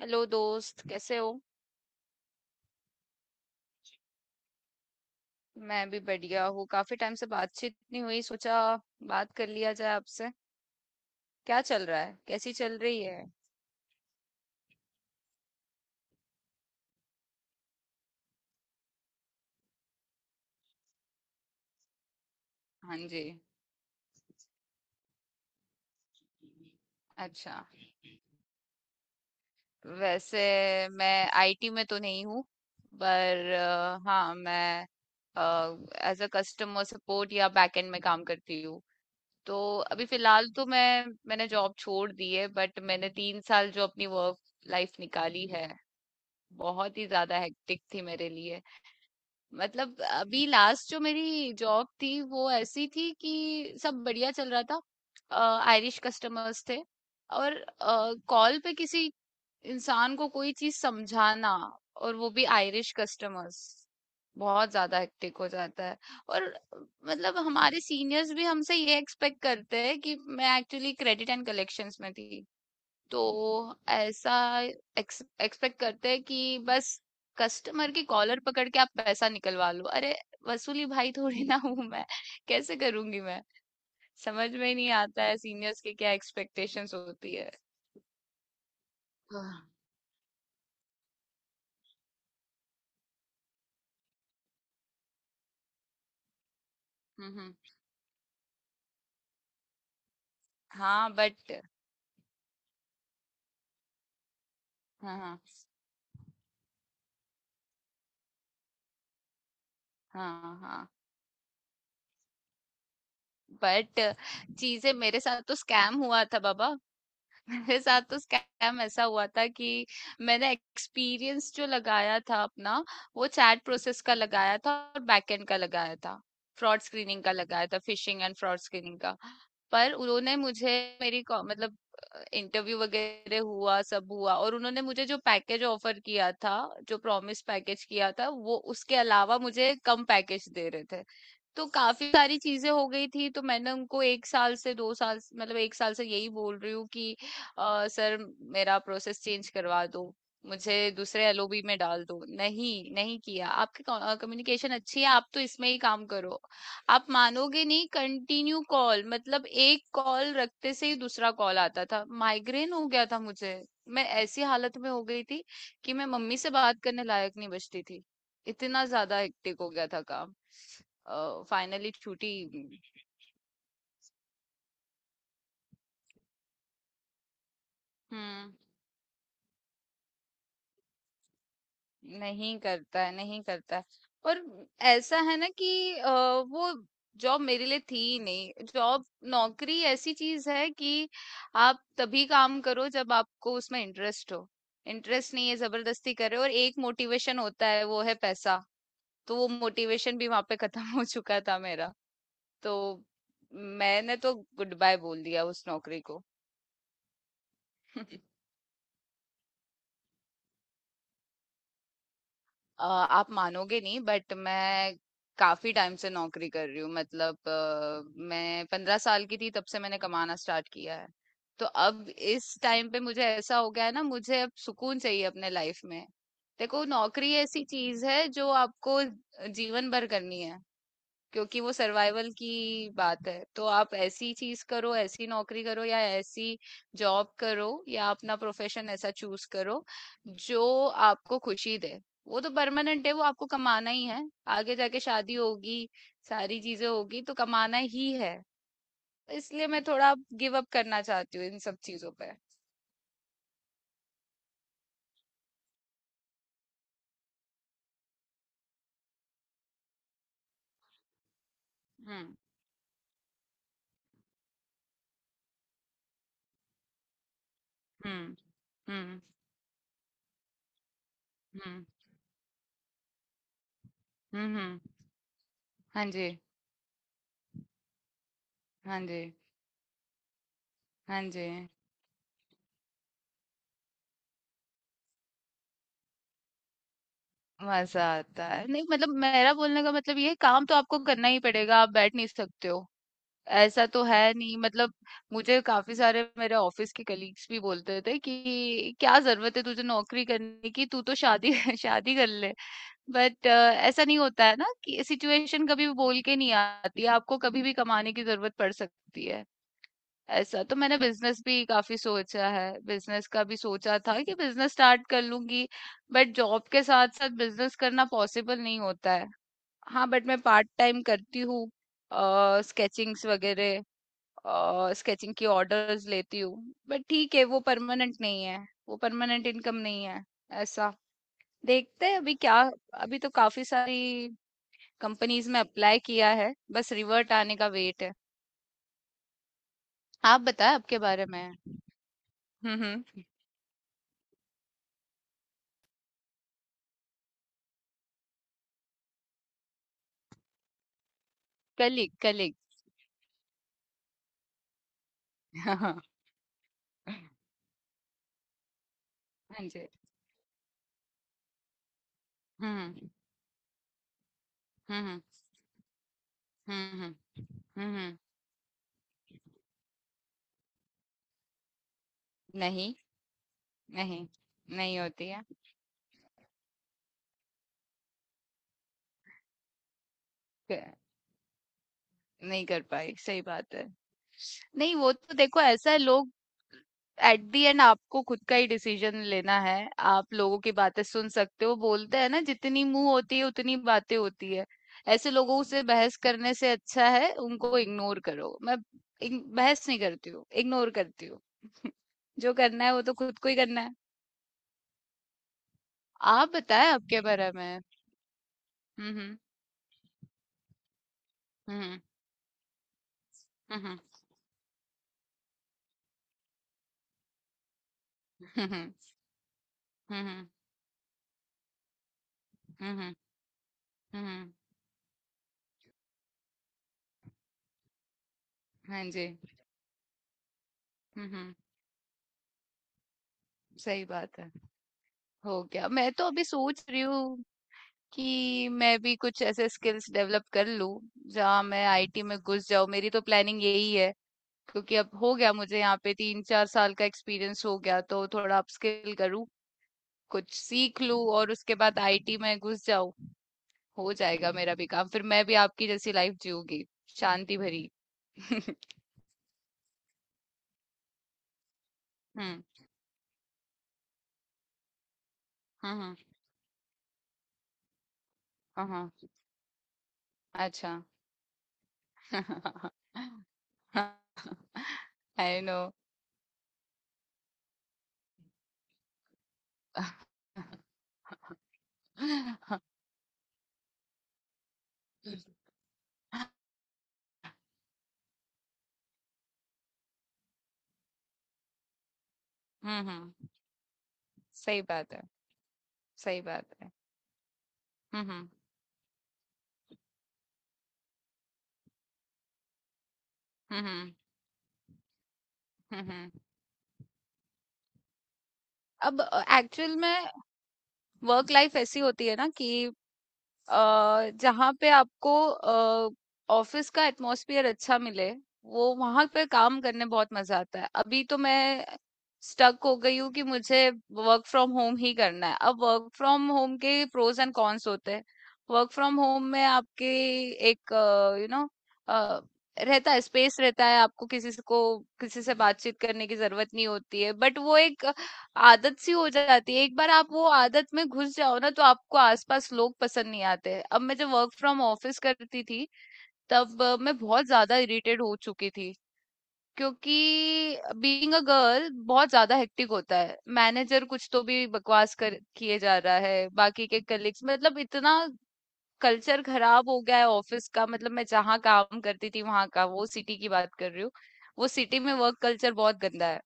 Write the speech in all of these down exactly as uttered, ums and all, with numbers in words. Hello दोस्त, कैसे हो। मैं भी बढ़िया हूँ। काफी टाइम से बातचीत नहीं हुई, सोचा बात कर लिया जाए आपसे। क्या चल रहा है, कैसी चल रही है। हाँ जी। अच्छा, वैसे मैं आईटी में तो नहीं हूँ, पर अ, हाँ मैं एज अ कस्टमर सपोर्ट या बैकएंड में काम करती हूँ। तो अभी फिलहाल तो मैं मैंने जॉब छोड़ दी है, बट मैंने तीन साल जो अपनी वर्क लाइफ निकाली है, बहुत ही ज्यादा हेक्टिक थी मेरे लिए। मतलब अभी लास्ट जो मेरी जॉब थी, वो ऐसी थी कि सब बढ़िया चल रहा था। आयरिश कस्टमर्स थे, और कॉल पे किसी इंसान को कोई चीज समझाना, और वो भी आयरिश कस्टमर्स, बहुत ज्यादा हेक्टिक हो जाता है। और मतलब हमारे सीनियर्स भी हमसे ये एक्सपेक्ट करते हैं कि मैं एक्चुअली क्रेडिट एंड कलेक्शंस में थी। तो ऐसा एक्सपेक्ट करते हैं कि बस कस्टमर की कॉलर पकड़ के आप पैसा निकलवा लो। अरे, वसूली भाई थोड़ी ना हूं मैं, कैसे करूंगी मैं। समझ में ही नहीं आता है सीनियर्स के क्या एक्सपेक्टेशंस होती है। हाँ। हम्म, हम्म। हाँ, बट हाँ, हाँ। हाँ, हाँ, बट चीजें मेरे साथ तो स्कैम हुआ था, बाबा। मेरे साथ तो स्कैम ऐसा हुआ था कि मैंने एक्सपीरियंस जो लगाया था अपना, वो चैट प्रोसेस का लगाया था और बैकएंड का लगाया था, फ्रॉड स्क्रीनिंग का लगाया था, फिशिंग एंड फ्रॉड स्क्रीनिंग का। पर उन्होंने मुझे मेरी को- मतलब इंटरव्यू वगैरह हुआ, सब हुआ, और उन्होंने मुझे जो पैकेज ऑफर किया था, जो प्रॉमिस पैकेज किया था, वो उसके अलावा मुझे कम पैकेज दे रहे थे। तो काफी सारी चीजें हो गई थी, तो मैंने उनको एक साल से दो साल से- मतलब एक साल से यही बोल रही हूँ कि अ, सर, मेरा प्रोसेस चेंज करवा दो, मुझे दूसरे एलओबी में डाल दो। नहीं, नहीं किया। आपकी कम्युनिकेशन अच्छी है, आप तो इसमें ही काम करो। आप मानोगे नहीं, कंटिन्यू कॉल, मतलब एक कॉल रखते से ही दूसरा कॉल आता था। माइग्रेन हो गया था मुझे, मैं ऐसी हालत में हो गई थी कि मैं मम्मी से बात करने लायक नहीं बचती थी। इतना ज्यादा हेक्टिक हो गया था काम। फाइनली छूटी। हम्म। नहीं करता है, नहीं करता है। और ऐसा है ना कि अ, वो जॉब मेरे लिए थी ही नहीं, जॉब, नौकरी ऐसी चीज है कि आप तभी काम करो जब आपको उसमें इंटरेस्ट हो। इंटरेस्ट नहीं है, जबरदस्ती कर रहे हो। और एक मोटिवेशन होता है, वो है पैसा। तो वो मोटिवेशन भी वहां पे खत्म हो चुका था मेरा। तो मैंने तो गुड बाय बोल दिया उस नौकरी को। अ, आप मानोगे नहीं, बट मैं काफी टाइम से नौकरी कर रही हूँ, मतलब अ, मैं पंद्रह साल की थी तब से मैंने कमाना स्टार्ट किया है। तो अब इस टाइम पे मुझे ऐसा हो गया है ना, मुझे अब सुकून चाहिए अपने लाइफ में। देखो, नौकरी ऐसी चीज है जो आपको जीवन भर करनी है, क्योंकि वो सर्वाइवल की बात है। तो आप ऐसी चीज करो, ऐसी नौकरी करो या ऐसी जॉब करो, या अपना प्रोफेशन ऐसा चूज करो जो आपको खुशी दे। वो तो परमानेंट है, वो आपको कमाना ही है। आगे जाके शादी होगी, सारी चीजें होगी, तो कमाना ही है। इसलिए मैं थोड़ा गिव अप करना चाहती हूँ इन सब चीजों पे। हम्म। हम्म। हम्म। हम्म। हम्म। हम्म। हाँ जी। हाँ जी। हाँ जी। मजा आता है। नहीं, मतलब मेरा बोलने का मतलब ये है, काम तो आपको करना ही पड़ेगा, आप बैठ नहीं सकते हो। ऐसा तो है नहीं, मतलब मुझे काफी सारे मेरे ऑफिस के कलीग्स भी बोलते थे कि क्या जरूरत है तुझे नौकरी करने की, तू तो शादी शादी कर ले। बट ऐसा नहीं होता है ना कि सिचुएशन कभी भी बोल के नहीं आती, आपको कभी भी कमाने की जरूरत पड़ सकती है। ऐसा तो मैंने बिजनेस भी काफी सोचा है, बिजनेस का भी सोचा था कि बिजनेस स्टार्ट कर लूंगी, बट जॉब के साथ साथ बिजनेस करना पॉसिबल नहीं होता है। हाँ, बट मैं पार्ट टाइम करती हूँ, स्केचिंग्स वगैरह, स्केचिंग की ऑर्डर्स लेती हूँ। बट ठीक है, वो परमानेंट नहीं है, वो परमानेंट इनकम नहीं है। ऐसा, देखते हैं अभी क्या। अभी तो काफी सारी कंपनीज में अप्लाई किया है, बस रिवर्ट आने का वेट है। आप बताएं आपके बारे में। हम्म। हम्म। Colleague, colleague. हाँ, हाँ। हाँ जी। हुँ, हुँ, हुँ, हुँ, हुँ, हुँ, हुँ। नहीं, नहीं, नहीं होती है। क नहीं कर पाई, सही बात है। नहीं, वो तो देखो, ऐसा है लोग, एट द एंड आपको खुद का ही डिसीजन लेना है। आप लोगों की बातें सुन सकते हो, बोलते हैं ना जितनी मुँह होती है उतनी बातें होती है। ऐसे लोगों से बहस करने से अच्छा है उनको इग्नोर करो। मैं इग बहस नहीं करती हूँ, इग्नोर करती हूँ। जो करना है वो तो खुद को ही करना है। आप बताएं आपके बारे में। हम्म। हम्म। हम्म। हम्म। हम्म। हम्म। हम्म। हाँ जी। हम्म। सही बात है। हो गया। मैं तो अभी सोच रही हूँ कि मैं भी कुछ ऐसे स्किल्स डेवलप कर लूँ जहाँ मैं आईटी में घुस जाऊँ, मेरी तो प्लानिंग यही है। क्योंकि अब हो गया, मुझे यहाँ पे तीन चार साल का एक्सपीरियंस हो गया, तो थोड़ा अपस्किल करूँ, कुछ सीख लूँ और उसके बाद आईटी में घुस जाऊँ। हो जाएगा मेरा भी काम, फिर मैं भी आपकी जैसी लाइफ जीऊंगी, शांति भरी। हुँ। हाँ, हाँ। हाँ, हाँ। अच्छा। I know. हुँ, हुँ। सही बात है, सही बात है। हुँ, हुँ। हुँ, हुँ। हुँ, हुँ। अब अ, एक्चुअल में वर्क लाइफ़ ऐसी होती है ना कि अ, जहाँ पे आपको अ, ऑफिस का एटमॉस्फेयर अच्छा मिले, वो वहां पे काम करने बहुत मजा आता है। अभी तो मैं स्टक हो गई हूँ कि मुझे वर्क फ्रॉम होम ही करना है। अब वर्क फ्रॉम होम के प्रोज एंड कॉन्स होते हैं। वर्क फ्रॉम होम में आपके एक यू नो रहता है, स्पेस रहता है, आपको किसी से- को किसी से बातचीत करने की जरूरत नहीं होती है, बट वो एक आदत सी हो जाती है। एक बार आप वो आदत में घुस जाओ ना, तो आपको आसपास लोग पसंद नहीं आते हैं। अब मैं जब वर्क फ्रॉम ऑफिस करती थी, तब अ, मैं बहुत ज्यादा इरिटेट हो चुकी थी, क्योंकि बीइंग अ गर्ल बहुत ज्यादा हेक्टिक होता है। मैनेजर कुछ तो भी बकवास कर किए जा रहा है, बाकी के कलीग्स, मतलब इतना कल्चर खराब हो गया है ऑफिस का, मतलब मैं जहाँ काम करती थी वहां का, वो सिटी की बात कर रही हूँ। वो सिटी में वर्क कल्चर बहुत गंदा है।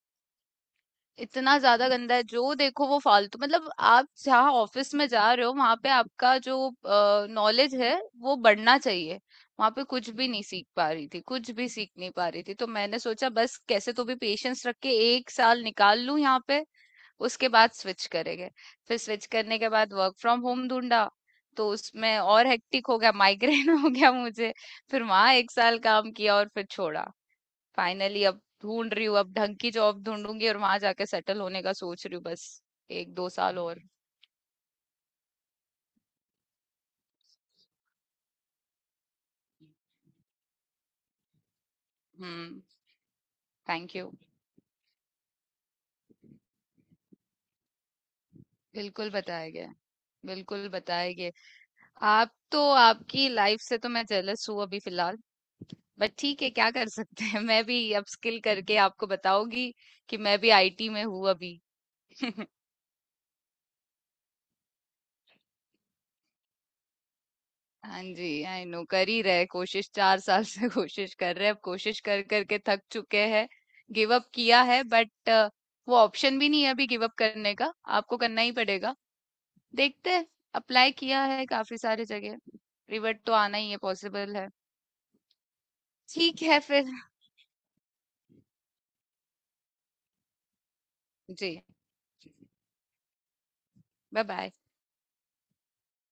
इतना ज्यादा गंदा है, जो देखो वो फालतू, मतलब आप जहाँ ऑफिस में जा रहे हो वहां पे आपका जो नॉलेज है वो बढ़ना चाहिए। वहां पे कुछ भी नहीं सीख पा रही थी, कुछ भी सीख नहीं पा रही थी, तो मैंने सोचा बस कैसे तो भी पेशेंस रख के एक साल निकाल लूं यहाँ पे, उसके बाद स्विच करेंगे। फिर स्विच करने के बाद वर्क फ्रॉम होम ढूंढा, तो उसमें और हेक्टिक हो गया, माइग्रेन हो गया मुझे। फिर वहां एक साल काम किया और फिर छोड़ा। फाइनली अब ढूंढ रही हूँ, अब ढंग की जॉब ढूंढूंगी और वहां जाके सेटल होने का सोच रही हूँ, बस एक दो साल और। हम्म। Thank you. बिल्कुल बताएंगे, बिल्कुल बताएंगे। आप तो, आपकी लाइफ से तो मैं जेलस हूँ अभी फिलहाल, बट ठीक है, क्या कर सकते हैं। मैं भी अपस्किल करके आपको बताऊंगी कि मैं भी आईटी में हूँ अभी। हाँ जी, आई नो, कर ही रहे कोशिश चार साल से। कोशिश कर रहे हैं, अब कोशिश कर करके थक चुके हैं, गिव अप किया है, बट वो ऑप्शन भी नहीं है अभी गिव अप करने का, आपको करना ही पड़ेगा। देखते हैं, अप्लाई किया है काफी सारी जगह, रिवर्ट तो आना ही है, पॉसिबल है। ठीक है फिर। जी, बाय बाय।